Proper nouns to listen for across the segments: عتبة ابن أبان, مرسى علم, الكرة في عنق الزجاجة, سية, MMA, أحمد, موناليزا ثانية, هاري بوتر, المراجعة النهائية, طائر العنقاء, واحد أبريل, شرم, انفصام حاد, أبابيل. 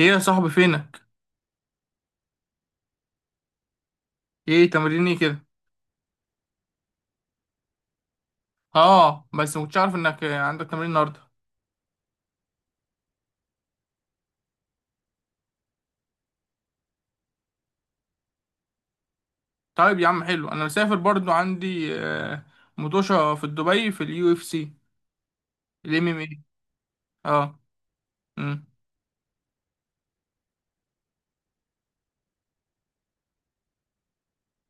ايه يا صاحبي فينك؟ ايه تمرين ايه كده؟ اه بس مكنتش عارف انك عندك تمرين النهارده. طيب يا عم، حلو. انا مسافر برضو، عندي مطوشه في دبي في اليو اف سي، الام ام اي. اه. امم.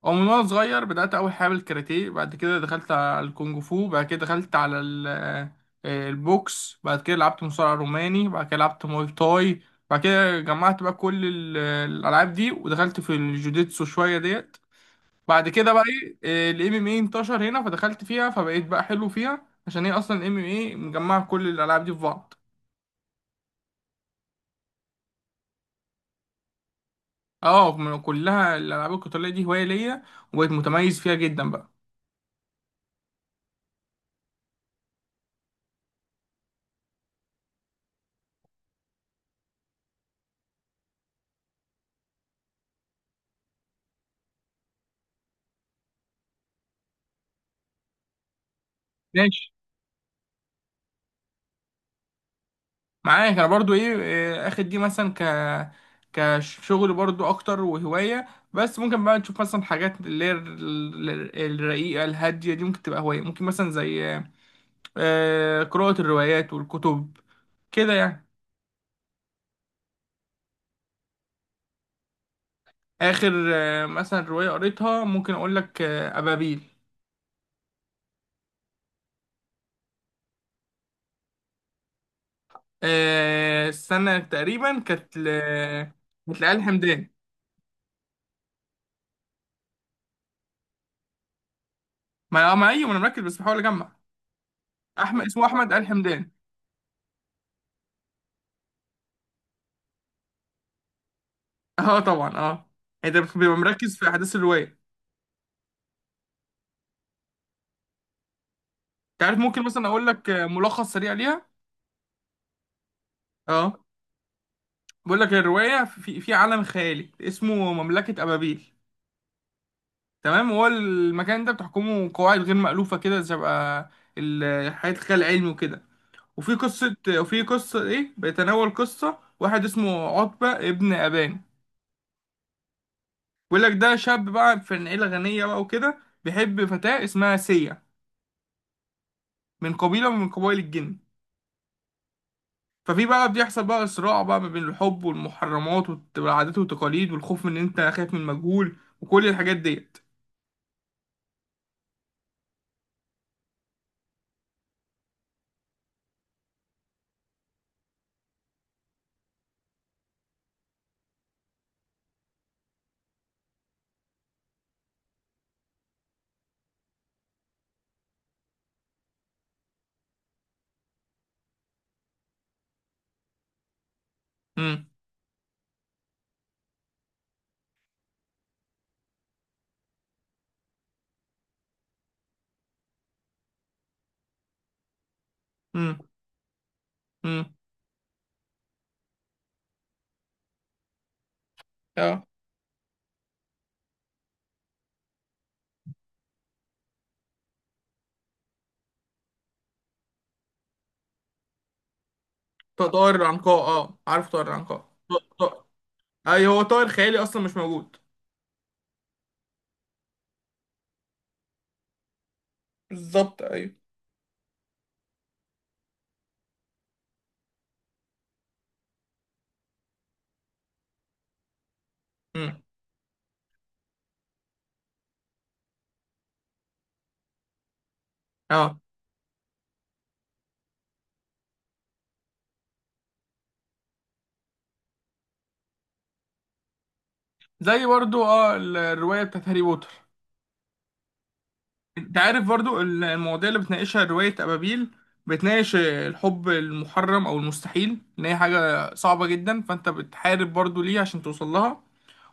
ومن وانا صغير بدات اول حاجه بالكاراتيه، بعد كده دخلت على الكونج فو، بعد كده دخلت على البوكس، بعد كده لعبت مصارع روماني، بعد كده لعبت موي تاي، بعد كده جمعت بقى كل الالعاب دي ودخلت في الجوجيتسو شويه ديت، بعد كده بقى الام ام اي انتشر هنا، فدخلت فيها، فبقيت بقى حلو فيها، عشان هي اصلا الام ام اي مجمعه كل الالعاب دي في بعض. اه، من كلها الالعاب القتاليه دي هوايه ليا، وبقيت متميز فيها جدا بقى. ماشي. معاك. انا برضو ايه إيه، اخد دي مثلا كشغل برضو اكتر وهوايه، بس ممكن بقى نشوف مثلا حاجات اللي هي الرقيقه الهاديه دي ممكن تبقى هوايه، ممكن مثلا زي قراءه الروايات والكتب، كده يعني. اخر مثلا روايه قريتها ممكن اقول لك ابابيل. السنه تقريبا كانت لآل حمدان. ما اه ما ايوه، ما انا مركز بس بحاول اجمع. اسمه احمد آل حمدان. اه طبعا، اه. انت بتبقى مركز في احداث الروايه. انت عارف، ممكن مثلا اقول لك ملخص سريع ليها. اه، بقول لك الروايه في عالم خيالي اسمه مملكه ابابيل. تمام، هو المكان ده بتحكمه قواعد غير مألوفه كده، شبه حياه الخيال العلمي وكده. وفي قصة بيتناول قصة واحد اسمه عتبة ابن أبان. بيقول لك ده شاب بقى في عيلة غنية بقى وكده، بيحب فتاة اسمها سية، من قبيلة من قبائل الجن. ففي بقى بيحصل بقى صراع بقى ما بين الحب والمحرمات والعادات والتقاليد والخوف من إن أنت خايف من المجهول وكل الحاجات ديت. امم. امم. امم. اه. طائر العنقاء، اه، عارف طائر العنقاء. ايوه، هو طائر خيالي اصلا مش موجود. بالظبط، ايوه. امم. اه، زي برضو الرواية بتاعت هاري بوتر. انت عارف برضو المواضيع اللي بتناقشها رواية أبابيل. بتناقش الحب المحرم أو المستحيل، إن هي حاجة صعبة جدا، فأنت بتحارب برضو ليه عشان توصل لها،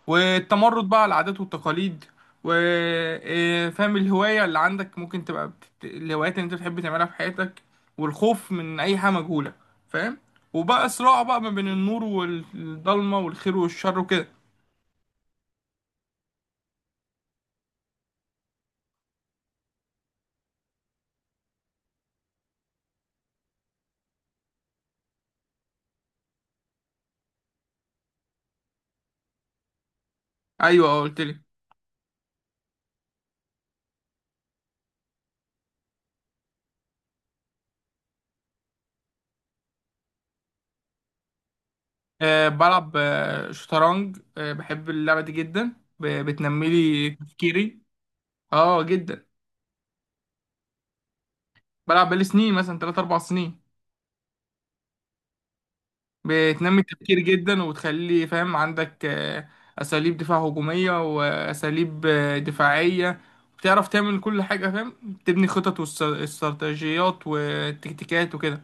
والتمرد بقى على العادات والتقاليد، وفهم الهواية اللي عندك ممكن تبقى الهوايات اللي أنت بتحب تعملها في حياتك، والخوف من أي حاجة مجهولة. فاهم. وبقى صراع بقى ما بين النور والضلمة والخير والشر وكده. أيوه، قلت لي. أه، بلعب شطرنج، أه بحب اللعبة دي جدا، بتنمي لي تفكيري. اه، جدا. بلعب بقالي سنين، مثلا 3 4 سنين. بتنمي التفكير جدا، وتخلي فاهم عندك أساليب دفاع هجومية، وأساليب دفاعية. بتعرف تعمل كل حاجة، فاهم، تبني خطط واستراتيجيات وتكتيكات وكده.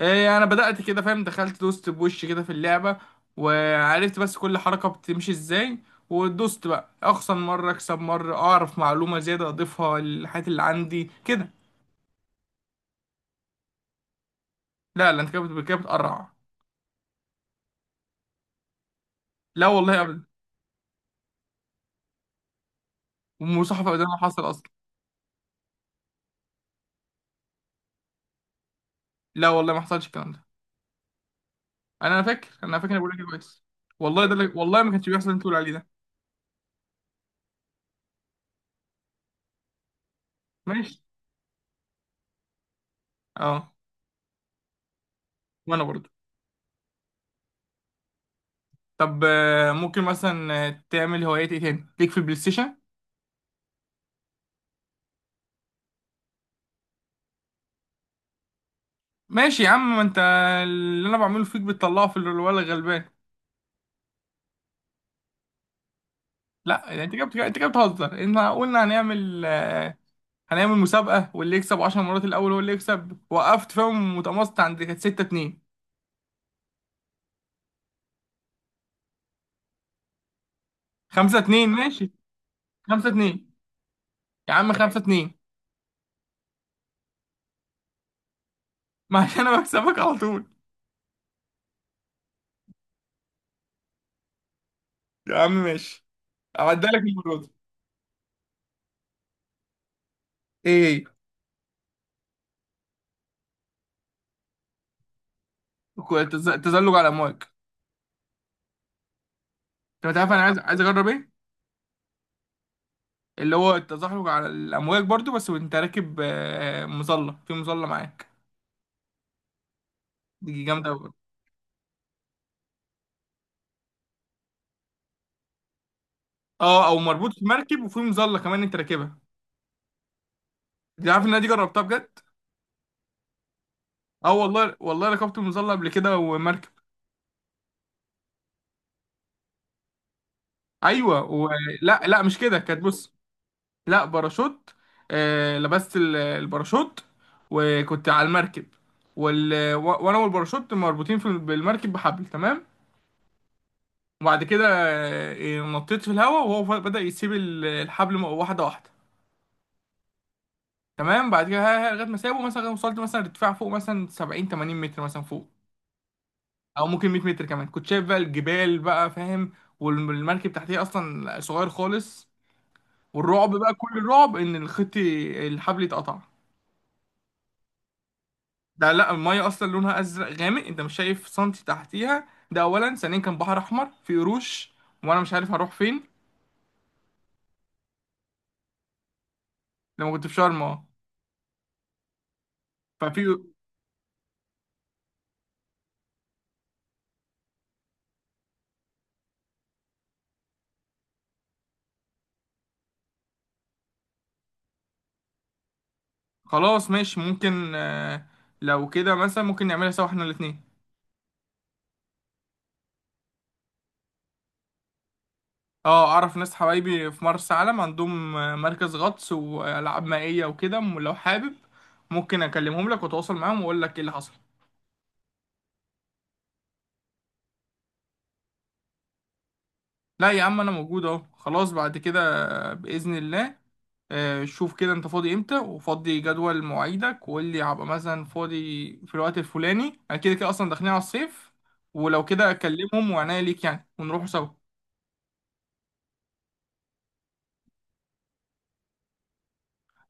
انا بدأت كده، فاهم، دخلت دوست بوش كده في اللعبة، وعرفت بس كل حركة بتمشي ازاي، ودوست بقى، اخسر مرة اكسب مرة، اعرف معلومة زيادة اضيفها للحاجات اللي عندي كده. لا، لا، انت كده بتقرع. لا والله، ابدا. ومصاحبة ابدا، ما حصل اصلا. لا والله، ما حصلش الكلام ده. انا فاكر، انا بقول لك إيه كويس. والله، والله ما كانش بيحصل اللي انت بتقول عليه ده. ماشي. اه. وانا برضه. طب ممكن مثلا تعمل هوايات ايه تاني ليك في البلاي ستيشن؟ ماشي يا عم، ما انت اللي انا بعمله فيك بتطلعه في الولد الغلبان. لا يعني، انت جبت بتهزر. انت قلنا هنعمل هنعمل مسابقة، واللي يكسب 10 مرات الاول هو اللي يكسب، وقفت فيهم متماسك عند كانت 6-2. 5-2، ماشي. 5-2، يا عم، 5-2. ما عشان انا بكسبك على طول. يا عم ماشي، اعدها لك المرة دي. ايه. التزلج على الامواج. انت مش عارف انا عايز اجرب ايه؟ اللي هو التزحلق على الامواج برضو، بس وانت راكب مظلة، في مظلة معاك. دي جامدة. اه، او مربوط في مركب وفي مظله كمان انت راكبها. انت عارف ان انا دي جربتها بجد. اه والله، والله ركبت مظله قبل كده ومركب. ايوه. لا لا، مش كده، كانت بص. لا، باراشوت. آه، لبست الباراشوت، وكنت على المركب، وانا والباراشوت مربوطين بالمركب بحبل. تمام. وبعد كده نطيت في الهواء، وهو بدأ يسيب الحبل واحده واحده. تمام. بعد كده ها- ها، لغايه ما سابه، مثلا وصلت مثلا ارتفاع فوق مثلا 70 80 متر مثلا فوق، او ممكن 100 متر كمان. كنت شايف بقى الجبال بقى، فاهم، والمركب تحتيه اصلا صغير خالص، والرعب بقى كل الرعب ان الحبل يتقطع. ده لا، الميه اصلا لونها ازرق غامق، انت مش شايف سنتي تحتيها، ده اولا، ثانيا كان بحر احمر في قروش وانا مش عارف هروح فين. لما كنت في شرم، اه. ففي خلاص، ماشي، ممكن لو كده مثلا ممكن نعملها سوا، احنا الاثنين. اه، اعرف ناس حبايبي في مرسى علم عندهم مركز غطس والعاب مائيه وكده، لو حابب ممكن اكلمهم لك واتواصل معاهم واقول لك ايه اللي حصل. لا يا عم، انا موجود اهو، خلاص، بعد كده باذن الله. شوف كده انت فاضي امتى، وفضي جدول مواعيدك وقول لي، هبقى مثلا فاضي في الوقت الفلاني، انا كده كده اصلا داخلين على الصيف، ولو كده اكلمهم وعناية ليك يعني ونروحوا سوا.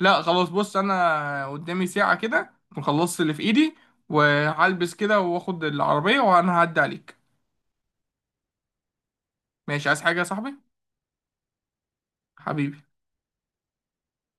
لا خلاص، بص، انا قدامي ساعة كده أكون خلصت اللي في ايدي، وهلبس كده واخد العربية وانا هعدي عليك. ماشي. عايز حاجة يا صاحبي؟ حبيبي.